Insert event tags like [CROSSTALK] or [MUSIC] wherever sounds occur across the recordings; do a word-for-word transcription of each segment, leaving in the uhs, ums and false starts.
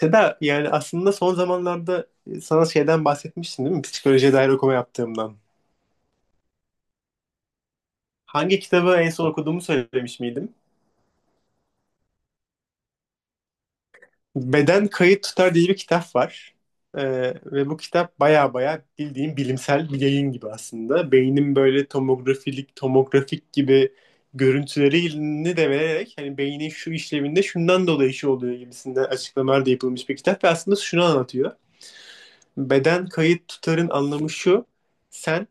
Seda, yani aslında son zamanlarda e, sana şeyden bahsetmiştim, değil mi? Psikolojiye dair okuma yaptığımdan. Hangi kitabı en son okuduğumu söylemiş miydim? Beden Kayıt Tutar diye bir kitap var. Ee, ve bu kitap baya baya bildiğim bilimsel bir yayın gibi aslında. Beynin böyle tomografilik, tomografik gibi görüntülerini de vererek hani beynin şu işlevinde şundan dolayı şu oluyor gibisinden açıklamalar da yapılmış bir kitap ve aslında şunu anlatıyor. Beden kayıt tutarın anlamı şu. Sen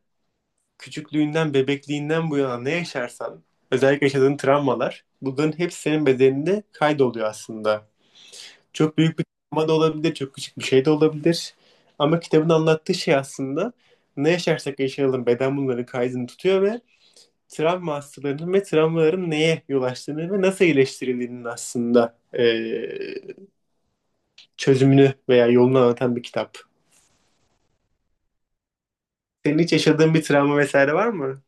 küçüklüğünden, bebekliğinden bu yana ne yaşarsan, özellikle yaşadığın travmalar, bunların hepsi senin bedeninde kaydoluyor aslında. Çok büyük bir travma da olabilir, çok küçük bir şey de olabilir. Ama kitabın anlattığı şey aslında ne yaşarsak yaşayalım beden bunların kaydını tutuyor ve travma hastalarının ve travmaların neye yol açtığını ve nasıl iyileştirildiğinin aslında eee, çözümünü veya yolunu anlatan bir kitap. Senin hiç yaşadığın bir travma vesaire var mı?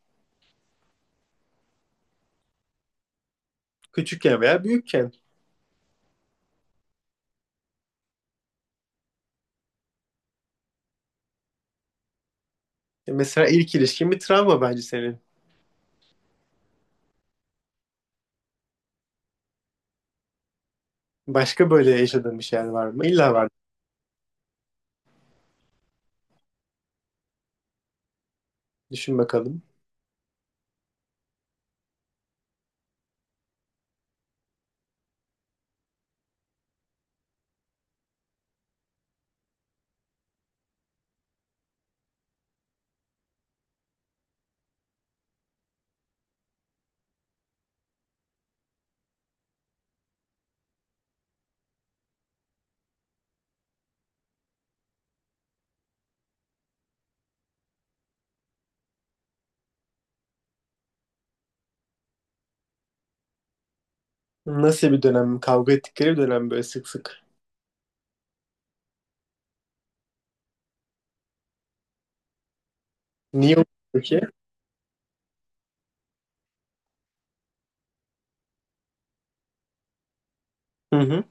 Küçükken veya büyükken. E, Mesela ilk ilişkin bir travma bence senin. Başka böyle yaşadığın bir şeyler var mı? İlla var. Düşün bakalım. Nasıl bir dönem? Kavga ettikleri bir dönem böyle sık sık. Niye oldu ki? Hı hı.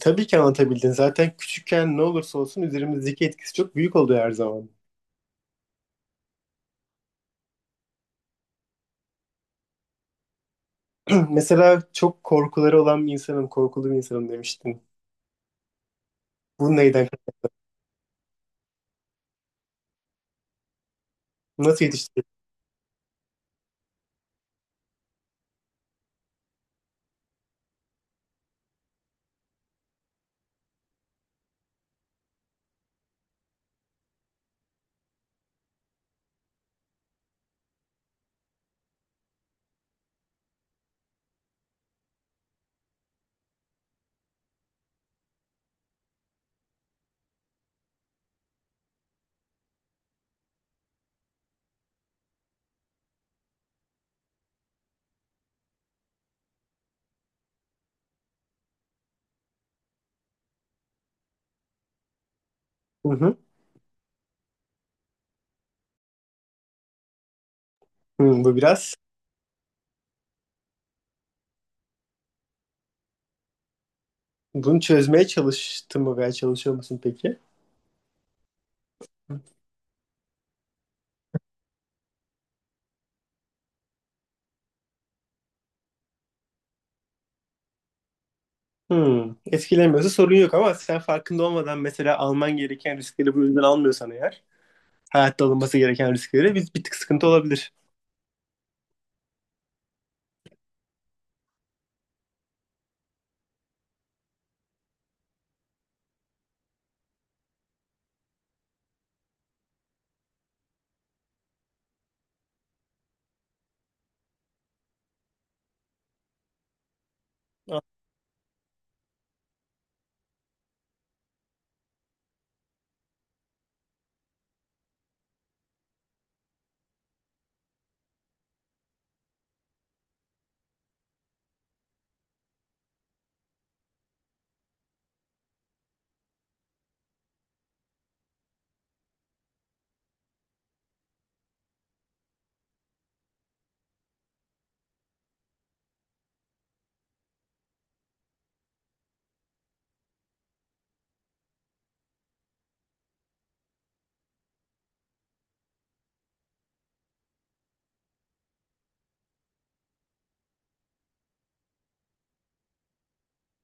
Tabii ki anlatabildin. Zaten küçükken ne olursa olsun üzerimizdeki etkisi çok büyük oluyor her zaman. [CLEARS THROAT] Mesela çok korkuları olan bir insanım, korkulu bir insanım demiştin. Bu neyden? Nasıl yetiştirdin? Hı hı. Hı, bu biraz. Bunu çözmeye çalıştın mı veya çalışıyor musun peki? Hmm, etkilemiyorsa sorun yok ama sen farkında olmadan mesela alman gereken riskleri bu yüzden almıyorsan eğer hayatta alınması gereken riskleri biz bir tık sıkıntı olabilir.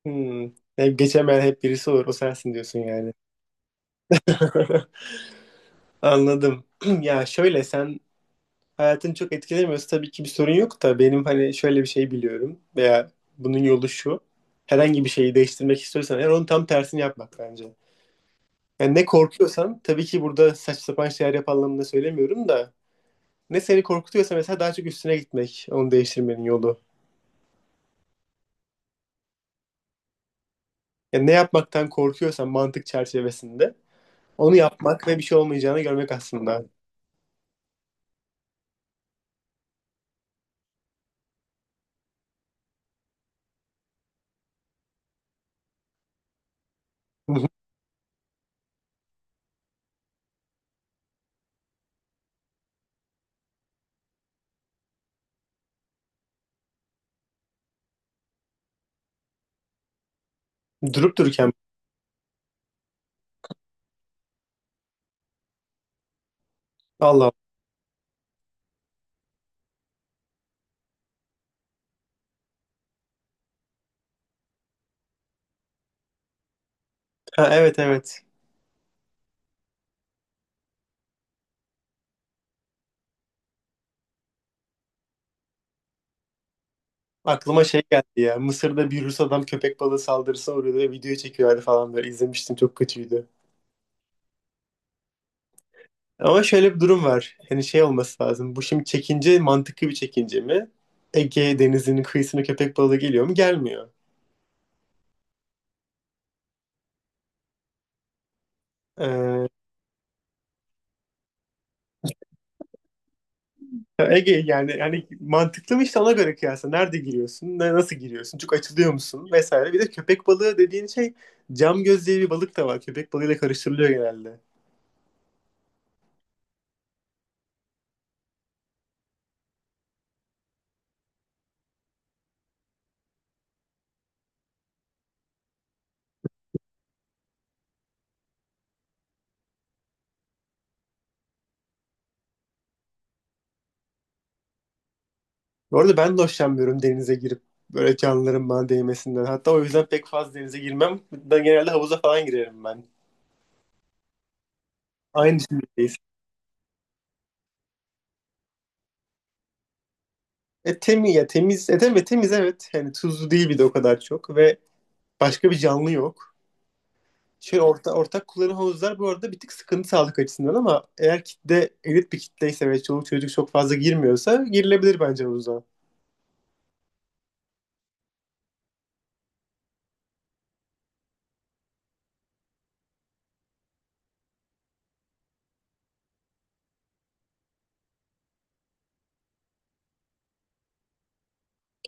Hmm. Hep geçemeyen hep birisi olur. O sensin diyorsun yani. [LAUGHS] Anladım. [CLEARS THROAT] Ya şöyle, sen hayatını çok etkilemiyorsa tabii ki bir sorun yok da benim hani şöyle bir şey biliyorum veya bunun yolu şu. Herhangi bir şeyi değiştirmek istiyorsan eğer onun tam tersini yapmak bence. Yani ne korkuyorsan, tabii ki burada saçma sapan şeyler yap anlamında söylemiyorum da ne seni korkutuyorsa mesela daha çok üstüne gitmek onu değiştirmenin yolu. Yani ne yapmaktan korkuyorsan mantık çerçevesinde onu yapmak ve bir şey olmayacağını görmek aslında. [LAUGHS] Durup dururken. Allah Allah. Ha, evet evet. Aklıma şey geldi ya. Mısır'da bir Rus adam köpek balığı saldırısına uğruyordu ve video çekiyorlardı falan böyle. İzlemiştim, çok kötüydü. Ama şöyle bir durum var. Hani şey olması lazım. Bu şimdi çekince, mantıklı bir çekince mi? Ege Denizi'nin kıyısına köpek balığı geliyor mu? Gelmiyor. Ee, Ya Ege, yani yani mantıklı mı işte, ona göre kıyasla. Nerede giriyorsun? ne- Nasıl giriyorsun? Çok açılıyor musun? Vesaire. Bir de köpek balığı dediğin şey cam göz diye bir balık da var. Köpek balığıyla karıştırılıyor genelde. Bu arada ben de hoşlanmıyorum denize girip böyle canlıların bana değmesinden. Hatta o yüzden pek fazla denize girmem. Ben genelde havuza falan girerim ben. Aynı düşüncedeyiz. E temiz ya, temiz. E temiz, temiz, evet. Yani tuzlu değil bir de o kadar çok ve başka bir canlı yok. Şey orta, ortak kullanım havuzlar bu arada bir tık sıkıntı sağlık açısından ama eğer kitle elit bir kitleyse ve çoluk çocuk çok fazla girmiyorsa girilebilir bence havuza.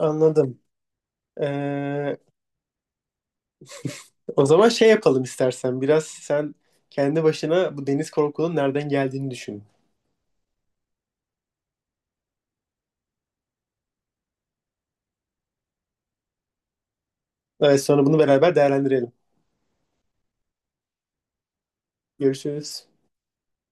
Anladım. Ee, O zaman şey yapalım istersen, biraz sen kendi başına bu deniz korkunun nereden geldiğini düşün. Evet, sonra bunu beraber değerlendirelim. Görüşürüz.